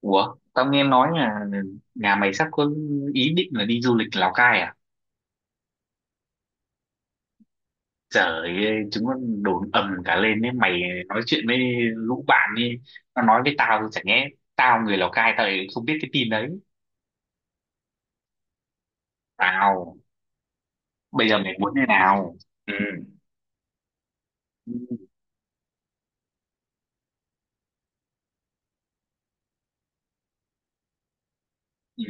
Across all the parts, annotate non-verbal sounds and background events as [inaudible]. Ủa, tao nghe nói là nhà mày sắp có ý định là đi du lịch Lào Cai à? Trời ơi, chúng nó đồn ầm cả lên đấy mày. Nói chuyện với lũ bạn đi, nó nói với tao. Chả nhẽ tao người Lào Cai tao lại không biết cái tin đấy? Tao bây giờ mày muốn thế nào? Ừ. Ừ. Ừ.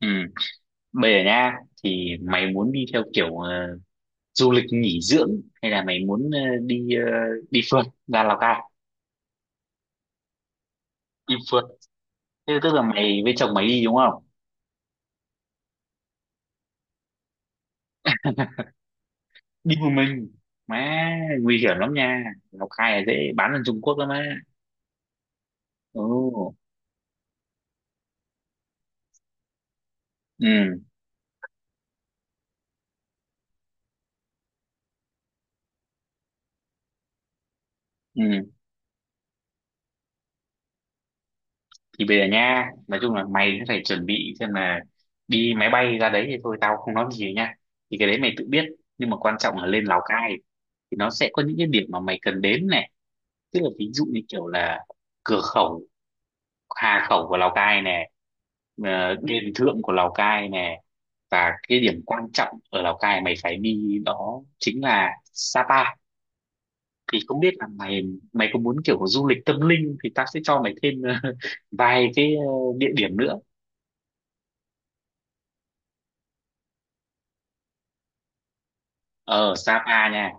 Ừ. Bây giờ nha, thì mày muốn đi theo kiểu du lịch nghỉ dưỡng hay là mày muốn đi ờ, đi phượt ra Lào Cai? Đi phượt. Thế tức là mày với chồng mày đi đúng không? Đi một mình. Má, nguy hiểm lắm nha. Lào Cai là dễ bán sang Trung Quốc lắm á. Ừ. Ừ. Ừ. Thì bây giờ nha, nói chung là mày cũng phải chuẩn bị xem là đi máy bay ra đấy thì thôi tao không nói gì nha, thì cái đấy mày tự biết. Nhưng mà quan trọng là lên Lào Cai thì nó sẽ có những cái điểm mà mày cần đến này. Tức là ví dụ như kiểu là cửa khẩu Hà Khẩu của Lào Cai nè, đền thượng của Lào Cai nè, và cái điểm quan trọng ở Lào Cai mày phải đi đó chính là Sapa. Thì không biết là mày mày có muốn kiểu du lịch tâm linh thì tao sẽ cho mày thêm [laughs] vài cái địa điểm nữa ở Sapa nha.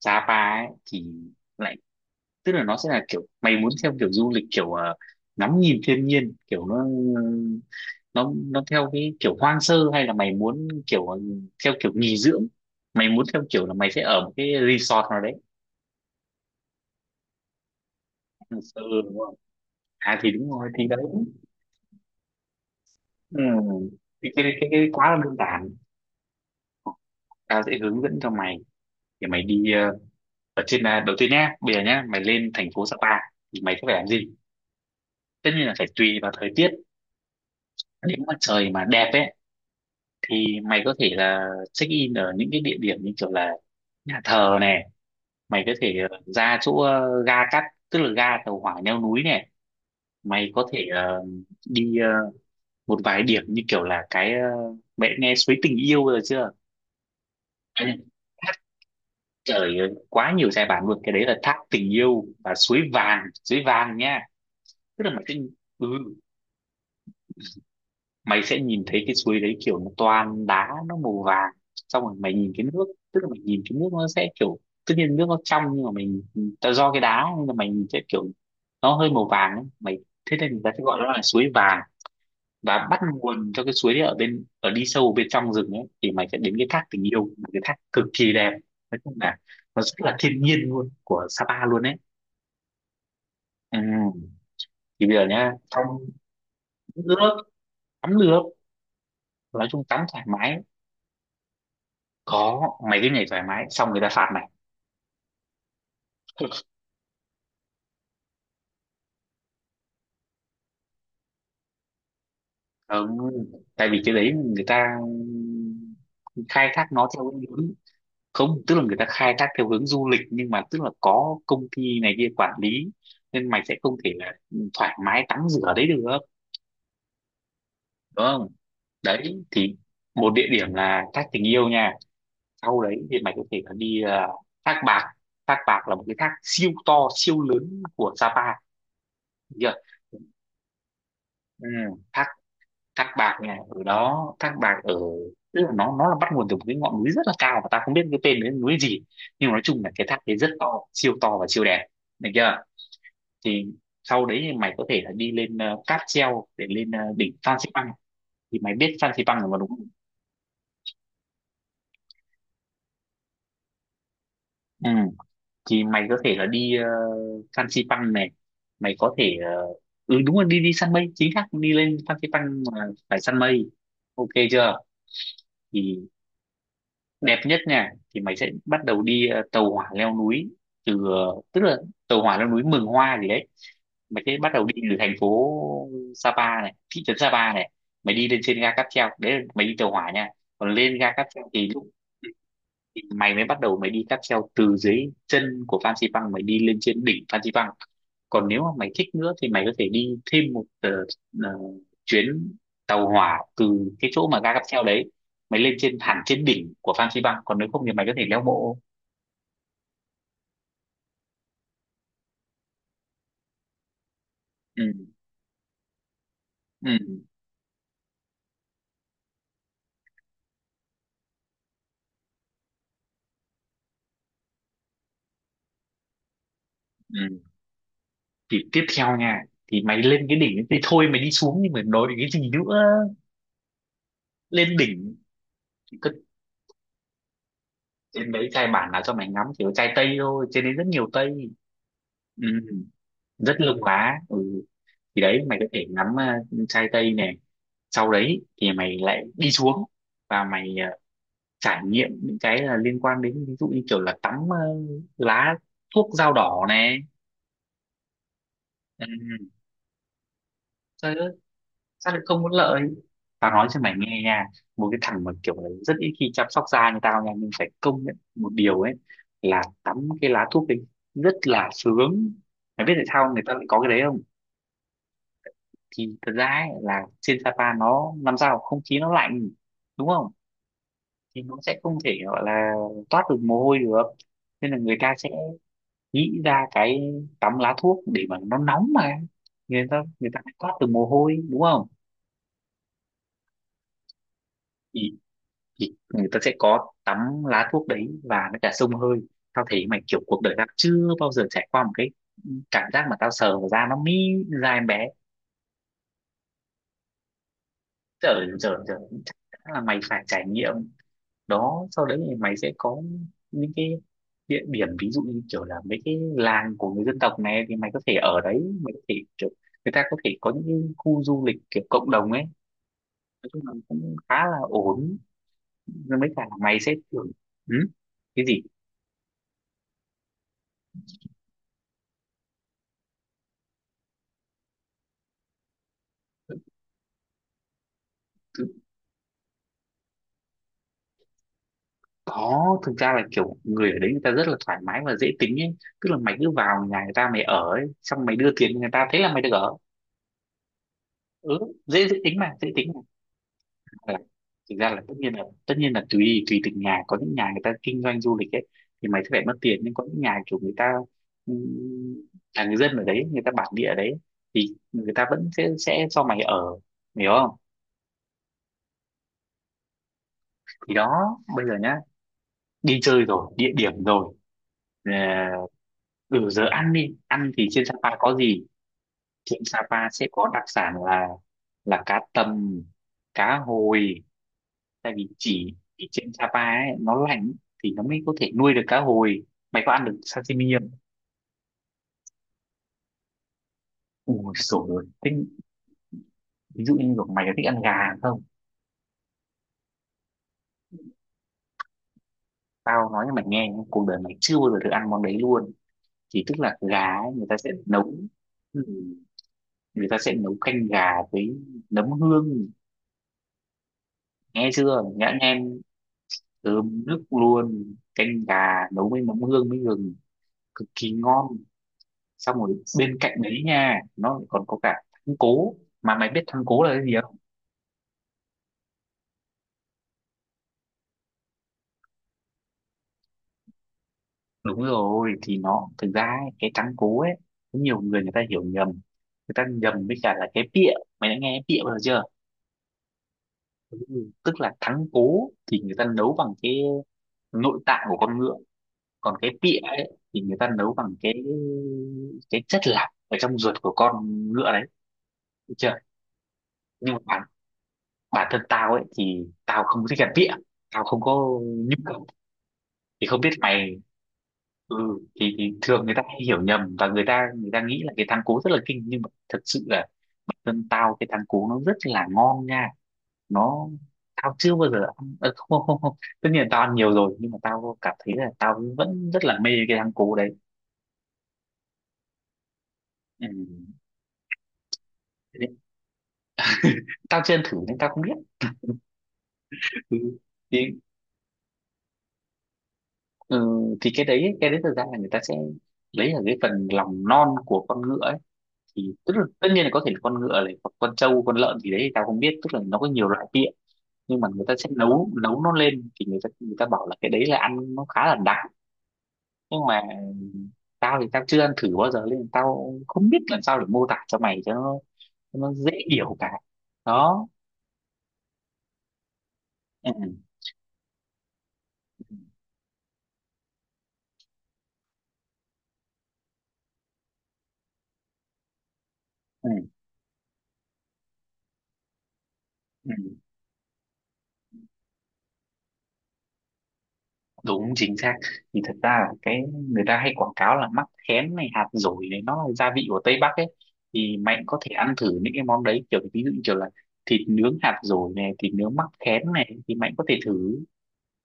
Sapa ấy thì lại tức là nó sẽ là kiểu mày muốn theo kiểu du lịch kiểu ngắm nhìn thiên nhiên kiểu nó theo cái kiểu hoang sơ, hay là mày muốn kiểu theo kiểu nghỉ dưỡng, mày muốn theo kiểu là mày sẽ ở một cái resort nào đấy, ừ, đúng không? À thì đúng rồi thì đấy. Ừ. Thì cái quá là đơn giản, tao sẽ hướng dẫn cho mày. Thì mày đi ở trên là đầu tiên nhá, bây giờ nhá mày lên thành phố Sapa thì mày sẽ phải làm gì. Tất nhiên là phải tùy vào thời tiết. Nếu mà trời mà đẹp ấy thì mày có thể là check in ở những cái địa điểm như kiểu là nhà thờ này, mày có thể ra chỗ ga cắt, tức là ga tàu hỏa leo núi này. Mày có thể đi ờ, một vài điểm như kiểu là cái mẹ nghe suối tình yêu rồi chưa? À, thác. Trời ơi, quá nhiều giai bản luôn. Cái đấy là thác tình yêu, và suối vàng, suối vàng nhá. Tức là mày sẽ, ừ, mày sẽ nhìn thấy cái suối đấy kiểu nó toàn đá nó màu vàng. Xong rồi mày nhìn cái nước, tức là mày nhìn cái nước nó sẽ kiểu, tất nhiên nước nó trong nhưng mà mình ta do cái đá nên là mày nhìn sẽ kiểu nó hơi màu vàng ấy. Thế nên người ta sẽ gọi nó là suối vàng. Và bắt nguồn cho cái suối đấy ở bên, ở đi sâu bên trong rừng ấy thì mày sẽ đến cái thác tình yêu, một cái thác cực kỳ đẹp. Nói chung là nó rất là thiên nhiên luôn, của Sapa luôn ấy. Ừ. Thì bây giờ nhá, trong nước tắm được, nói chung tắm thoải mái. Có, mày cứ nhảy thoải mái xong người ta phạt mày. Ừ, tại vì cái đấy người ta khai thác nó theo cái hướng, không, tức là người ta khai thác theo hướng du lịch nhưng mà tức là có công ty này kia quản lý nên mày sẽ không thể là thoải mái tắm rửa đấy được, đúng không? Đấy thì một địa điểm là thác tình yêu nha. Sau đấy thì mày có thể là đi thác bạc. Thác bạc là một cái thác siêu to siêu lớn của Sapa, được chưa? Ừ, thác Thác bạc nha, ở đó. Thác bạc ở, tức là nó là bắt nguồn từ một cái ngọn núi rất là cao, và ta không biết cái tên cái núi gì, nhưng mà nói chung là cái thác đấy rất to, siêu to và siêu đẹp, được chưa? Thì sau đấy thì mày có thể là đi lên cáp treo để lên đỉnh Phan Xipang. Thì mày biết Phan Xipang rồi mà, đúng không? Ừ. Thì mày có thể là đi Phan Xipang này, mày có thể ừ đúng rồi, đi đi săn mây, chính xác. Đi lên Phan Xipang mà phải săn mây, ok chưa? Thì đẹp nhất nha, thì mày sẽ bắt đầu đi tàu hỏa leo núi từ tức là tàu hỏa leo núi Mường Hoa gì đấy. Mày sẽ bắt đầu đi từ thành phố Sapa này, thị trấn Sapa này. Mày đi lên trên ga cáp treo, đấy là mày đi tàu hỏa nha. Còn lên ga cáp treo thì lúc, thì mày mới bắt đầu mày đi cáp treo từ dưới chân của Phan Xipang, mày đi lên trên đỉnh Phan Xipang. Còn nếu mà mày thích nữa thì mày có thể đi thêm một ờ, chuyến tàu hỏa từ cái chỗ mà ga cáp treo đấy, mày lên trên hẳn trên đỉnh của Phan Xi Păng. Còn nếu không thì mày có thể leo bộ. Ừ. Ừ. Ừ. Thì tiếp theo nha, thì mày lên cái đỉnh ấy thì thôi mày đi xuống, nhưng mà nói đến cái gì nữa. Lên đỉnh thì cứ, trên đấy chai bản là cho mày ngắm chỉ có chai tây thôi, trên đấy rất nhiều tây. Ừ, rất lưng lá. Ừ. Thì đấy mày có thể ngắm chai tây này. Sau đấy thì mày lại đi xuống, và mày trải nghiệm những cái là liên quan đến ví dụ như kiểu là tắm lá thuốc dao đỏ này. Ừ. Trời ơi, sao lại không có lợi? Tao nói cho mày nghe nha, một cái thằng mà kiểu là rất ít khi chăm sóc da như tao nha, nhưng phải công nhận một điều ấy là tắm cái lá thuốc ấy rất là sướng. Mày biết tại sao người ta lại có cái đấy không? Thì thật ra ấy, là trên Sapa nó làm sao, không khí nó lạnh đúng không, thì nó sẽ không thể gọi là toát được mồ hôi được, nên là người ta sẽ nghĩ ra cái tắm lá thuốc để mà nó nóng mà, người ta phải thoát từ mồ hôi, đúng không? Thì, thì người ta sẽ có tắm lá thuốc đấy, và nó cả xông hơi. Tao thấy mày kiểu, cuộc đời tao chưa bao giờ trải qua một cái cảm giác mà tao sờ vào da nó mi ra em bé. Trời trời trời, chắc chắn là mày phải trải nghiệm. Đó, sau đấy thì mày sẽ có những cái địa điểm ví dụ như kiểu là mấy cái làng của người dân tộc này thì mày có thể ở đấy, mày có thể kiểu, người ta có thể có những cái khu du lịch kiểu cộng đồng ấy. Nói chung là cũng khá là ổn, nhưng mấy cả mày sẽ kiểu. Ừ? Cái gì? Cứ- có, thực ra là kiểu người ở đấy người ta rất là thoải mái và dễ tính ấy. Tức là mày cứ vào nhà người ta mày ở ấy, xong mày đưa tiền người ta thế là mày được ở. Ừ, dễ dễ tính mà, dễ tính mà. Là- Thực ra là tất nhiên là, tùy tùy từng nhà, có những nhà người ta kinh doanh du lịch ấy thì mày sẽ phải mất tiền, nhưng có những nhà kiểu người ta, ừm, là người dân ở đấy, người ta bản địa ở đấy, thì người ta vẫn sẽ cho mày ở, hiểu không? Thì đó, bây giờ nhá, đi chơi rồi, địa điểm rồi. Ờ, ừ, giờ ăn đi, ăn thì trên Sapa có gì. Trên Sapa sẽ có đặc sản là cá tầm, cá hồi. Tại vì chỉ trên Sapa ấy, nó lạnh thì nó mới có thể nuôi được cá hồi. Mày có ăn được sashimi không? Ui sổ rồi thế, ví dụ như kiểu mày có thích ăn gà không? Tao nói cho mày nghe, cuộc đời mày chưa bao giờ được ăn món đấy luôn. Thì tức là gà ấy, người ta sẽ nấu, ừ, người ta sẽ nấu canh gà với nấm hương, nghe chưa nhãn em. Thơm nức luôn, canh gà nấu với mắm hương với gừng, cực kỳ ngon. Xong rồi bên cạnh đấy nha, nó lại còn có cả thắng cố. Mà mày biết thắng cố là cái gì không? Đúng rồi, thì nó thực ra ấy, cái thắng cố ấy có nhiều người, người ta hiểu nhầm, người ta nhầm với cả là cái pịa. Mày đã nghe pịa bao giờ chưa? Ừ. Tức là thắng cố thì người ta nấu bằng cái nội tạng của con ngựa, còn cái pịa ấy thì người ta nấu bằng cái chất lạc ở trong ruột của con ngựa đấy, chưa? Nhưng mà bản bản thân tao ấy thì tao không thích ăn vịa, tao không có nhu cầu. Thì không biết mày. Ừ. Thì thường người ta hay hiểu nhầm, và người ta nghĩ là cái thắng cố rất là kinh, nhưng mà thật sự là bản thân tao cái thắng cố nó rất là ngon nha. Nó, tao chưa bao giờ ăn không, không không không, tất nhiên là tao ăn nhiều rồi, nhưng mà tao cảm thấy là tao vẫn rất là mê cái thắng cố đấy. Ừ. thế nên- Tao chưa ăn thử nên tao không biết. Ừ. thì ừ, thì cái đấy thật ra là người ta sẽ lấy ở cái phần lòng non của con ngựa ấy. Thì tức là tất nhiên là có thể là con ngựa này hoặc con trâu con lợn gì đấy thì tao không biết, tức là nó có nhiều loại vị. Nhưng mà người ta sẽ nấu nấu nó lên, thì người ta bảo là cái đấy là ăn nó khá là đặc. Nhưng mà tao thì tao chưa ăn thử bao giờ nên tao không biết làm sao để mô tả cho mày cho nó, cho nó dễ hiểu cả. Đó. Ừ. Ừ. Ừ. Ừ. Đúng chính xác, thì thật ra là cái người ta hay quảng cáo là mắc khén này, hạt dổi này, nó là gia vị của Tây Bắc ấy. Thì Mạnh có thể ăn thử những cái món đấy kiểu ví dụ như kiểu là thịt nướng hạt dổi này, thịt nướng mắc khén này, thì Mạnh có thể thử.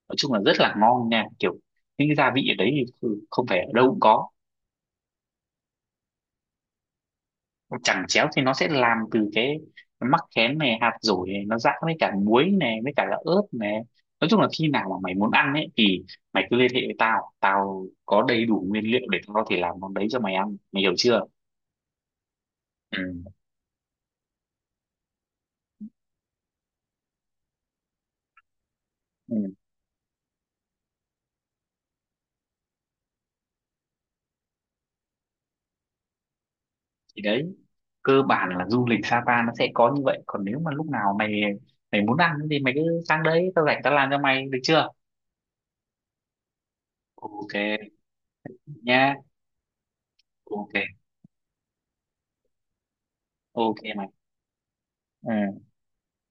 Nói chung là rất là ngon nha, kiểu những cái gia vị ở đấy thì không phải ở đâu cũng có. Chẳng chéo thì nó sẽ làm từ cái mắc khén này, hạt dổi này, nó giã với cả muối này, với cả là ớt này. Nói chung là khi nào mà mày muốn ăn ấy thì mày cứ liên hệ với tao, tao có đầy đủ nguyên liệu để tao có thể làm món đấy cho mày ăn, mày hiểu chưa? Ừ. Ừ. Thì đấy, cơ bản là du lịch Sapa nó sẽ có như vậy. Còn nếu mà lúc nào mày mày muốn ăn thì mày cứ sang đấy, tao rảnh tao làm cho mày, được chưa? Ok nha. Ok. Ok mày. Ừ.